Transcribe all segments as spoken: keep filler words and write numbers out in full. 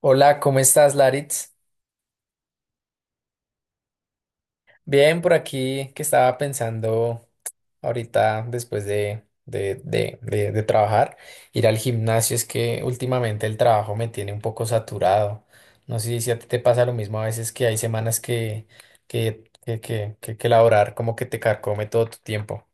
Hola, ¿cómo estás, Laritz? Bien, por aquí que estaba pensando ahorita después de, de, de, de, de trabajar, ir al gimnasio, es que últimamente el trabajo me tiene un poco saturado. No sé si a ti te pasa lo mismo a veces que hay semanas que, que, que, que, que, que laborar como que te carcome todo tu tiempo.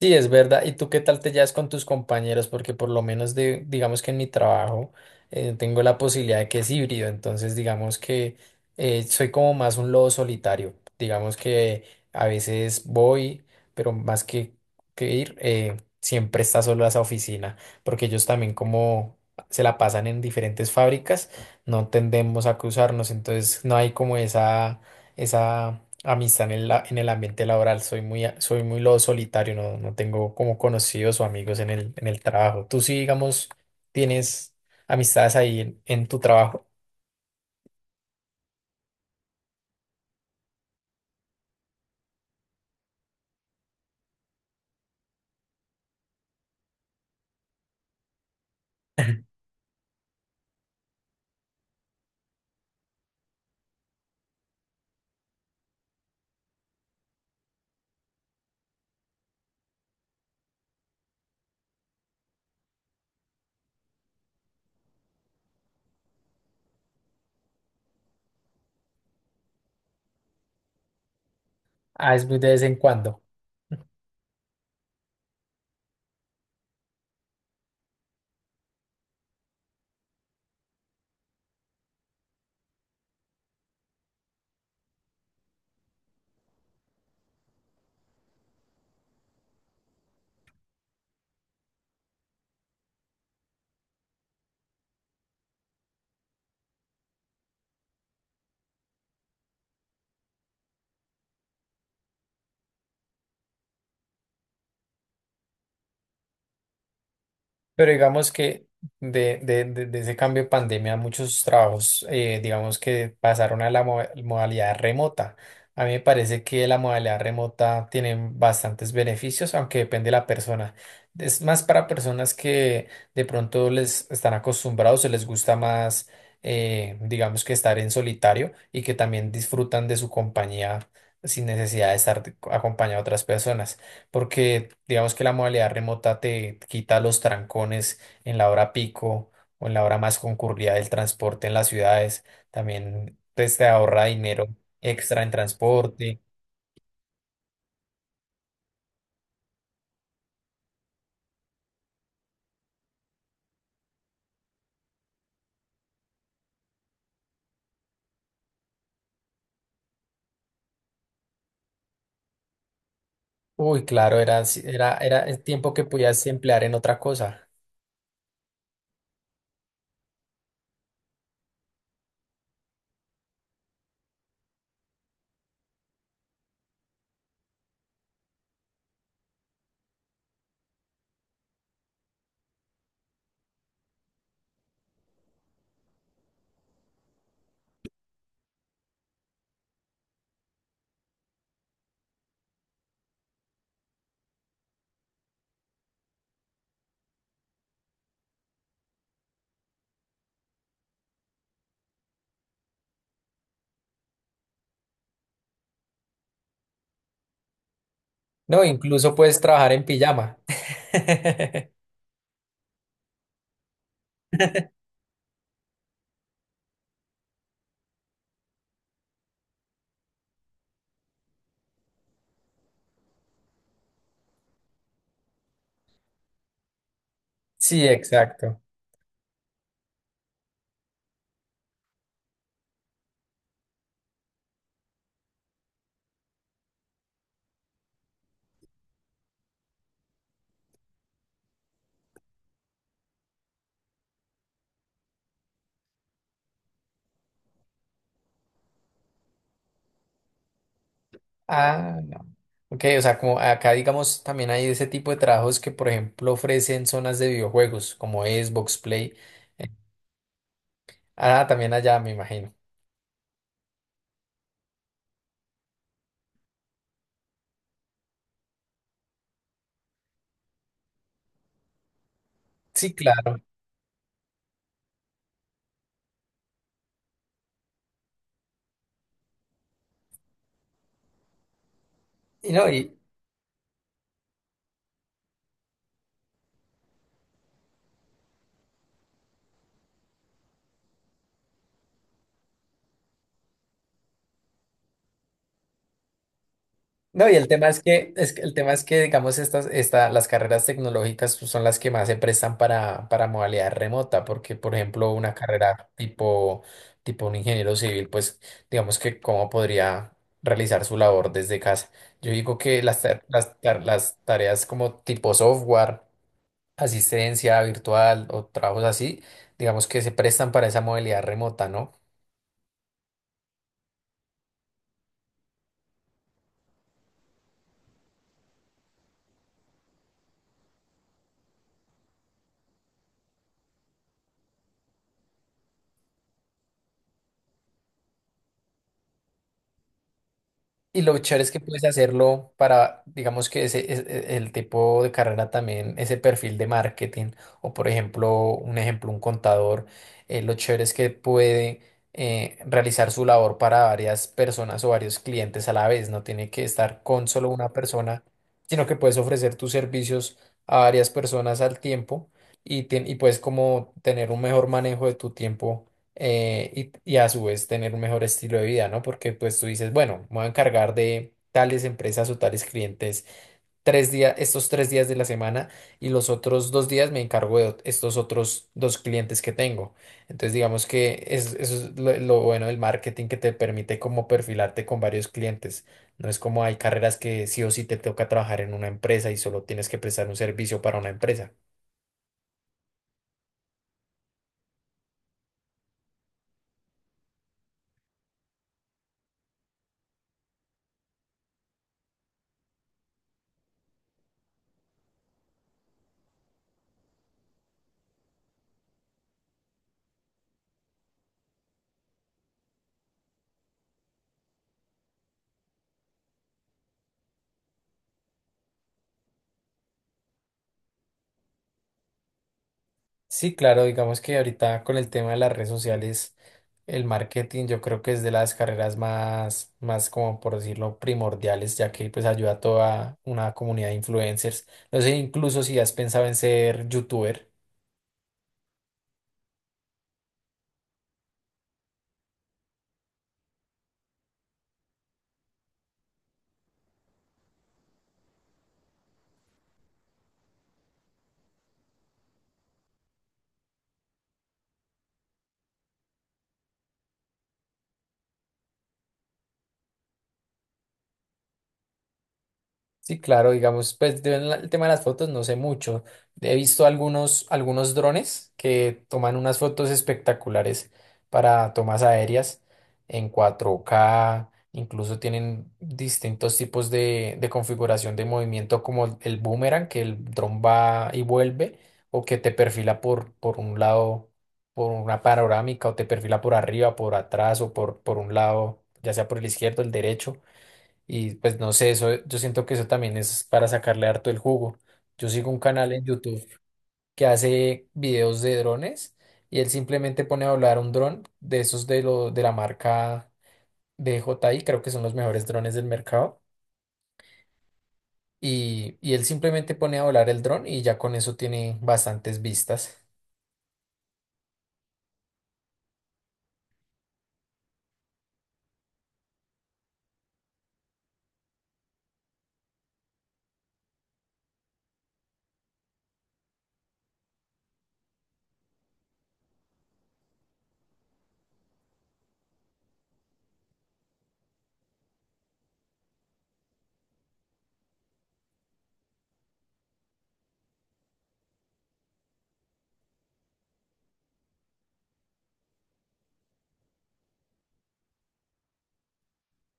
Sí, es verdad. ¿Y tú qué tal te llevas con tus compañeros? Porque por lo menos de, digamos que en mi trabajo eh, tengo la posibilidad de que es híbrido, entonces digamos que eh, soy como más un lobo solitario. Digamos que a veces voy, pero más que, que ir, eh, siempre está solo esa oficina, porque ellos también como se la pasan en diferentes fábricas, no tendemos a cruzarnos, entonces no hay como esa, esa amistad en el, la- en el ambiente laboral. Soy muy, a- soy muy lo solitario, no, no tengo como conocidos o amigos en el, en el trabajo. Tú sí, digamos, tienes amistades ahí en, en tu trabajo. Ah, es muy de vez en cuando. Pero digamos que de, de- de- de ese cambio de pandemia, muchos trabajos, eh, digamos que pasaron a la mo- modalidad remota. A mí me parece que la modalidad remota tiene bastantes beneficios, aunque depende de la persona. Es más para personas que de pronto les están acostumbrados, se les gusta más, eh, digamos que estar en solitario y que también disfrutan de su compañía sin necesidad de estar acompañado de otras personas porque digamos que la modalidad remota te quita los trancones en la hora pico o en la hora más concurrida del transporte en las ciudades, también pues, te ahorra dinero extra en transporte. Uy, claro, era, si, era, era el tiempo que podías emplear en otra cosa. No, incluso puedes trabajar en pijama. Sí, exacto. Ah, no. Ok, o sea, como acá digamos también hay ese tipo de trabajos que por ejemplo ofrecen zonas de videojuegos como Xbox Play. Ah, también allá, me imagino. Sí, claro. Y no, y no, y el tema es que, es que- el tema es que, digamos, estas, esta, las carreras tecnológicas pues, son las que más se prestan para, para modalidad remota, porque, por ejemplo, una carrera tipo, tipo un ingeniero civil, pues, digamos que cómo podría realizar su labor desde casa. Yo digo que las, ta- las, ta- las tareas como tipo software, asistencia virtual o trabajos así, digamos que se prestan para esa modalidad remota, ¿no? Y lo chévere es que puedes hacerlo para, digamos que ese, es- e- el tipo de carrera también, ese perfil de marketing, o por ejemplo, un ejemplo, un contador, eh, lo chévere es que puede eh, realizar su labor para varias personas o varios clientes a la vez, no tiene que estar con solo una persona, sino que puedes ofrecer tus servicios a varias personas al tiempo y, tien- y puedes como tener un mejor manejo de tu tiempo eh, y, y a su vez tener un mejor estilo de vida, ¿no? Porque pues tú dices, bueno, me voy a encargar de tales empresas o tales clientes tres días, estos tres días de la semana y los otros dos días me encargo de ot- estos otros dos clientes que tengo. Entonces digamos que es- eso es lo, lo bueno del marketing que te permite como perfilarte con varios clientes. No es como hay carreras que sí o sí te toca trabajar en una empresa y solo tienes que prestar un servicio para una empresa. Sí, claro, digamos que ahorita con el tema de las redes sociales, el marketing yo creo que es de las carreras más, más como por decirlo, primordiales, ya que pues ayuda a toda una comunidad de influencers. No sé, incluso si has pensado en ser youtuber. Sí, claro, digamos, pues de la- el tema de las fotos no sé mucho. He visto algunos, algunos drones que toman unas fotos espectaculares para tomas aéreas en cuatro k incluso tienen distintos tipos de, de configuración de movimiento como el boomerang, que el dron va y vuelve, o que te perfila por, por un lado, por una panorámica, o te perfila por arriba, por atrás, o por, por un lado, ya sea por el izquierdo, el derecho. Y pues no sé, eso, yo siento que eso también es para sacarle harto el jugo. Yo sigo un canal en YouTube que hace videos de drones y él simplemente pone a volar un dron de esos de, lo, de la marca D J I, creo que son los mejores drones del mercado. Y, y él simplemente pone a volar el dron y ya con eso tiene bastantes vistas.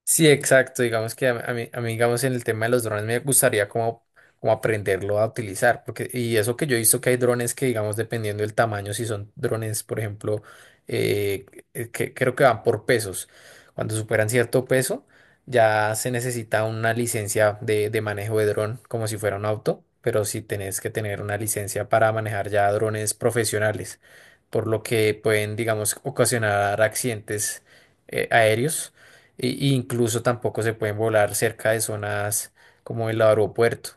Sí, exacto. Digamos que a, a mí, a mí, digamos, en el tema de los drones me gustaría como, como aprenderlo a utilizar. Porque, y eso que yo he visto que hay drones que, digamos, dependiendo del tamaño, si son drones, por ejemplo, eh, eh, que creo que van por pesos. Cuando superan cierto peso, ya se necesita una licencia de, de manejo de dron, como si fuera un auto. Pero sí tenés que tener una licencia para manejar ya drones profesionales, por lo que pueden, digamos, ocasionar accidentes eh, aéreos y, y incluso tampoco se pueden volar cerca de zonas como el aeropuerto.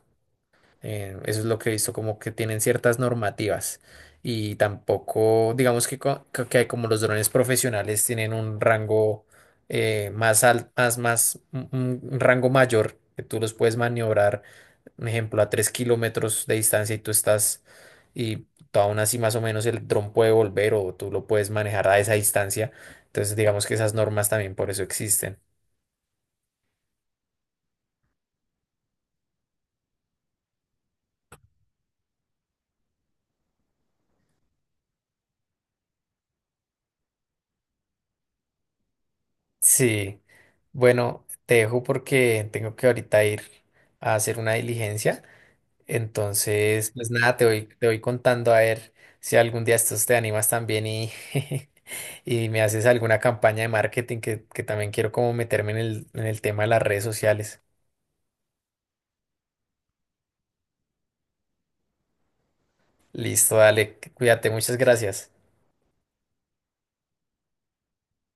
Eh, eso es lo que he visto, como que tienen ciertas normativas. Y tampoco, digamos que, co- que que hay como los drones profesionales tienen un rango eh, más alto, más, más, un, un- un rango mayor, que tú los puedes maniobrar, por ejemplo, a tres kilómetros de distancia y tú estás, y tú aún así más o menos el dron puede volver o tú lo puedes manejar a esa distancia. Entonces, digamos que esas normas también por eso existen. Sí, bueno, te dejo porque tengo que ahorita ir a hacer una diligencia. Entonces, pues nada, te voy, te voy contando a ver si algún día estos te animas también y, y me haces alguna campaña de marketing que, que también quiero como meterme en el, en el tema de las redes sociales. Listo, dale, cuídate, muchas gracias.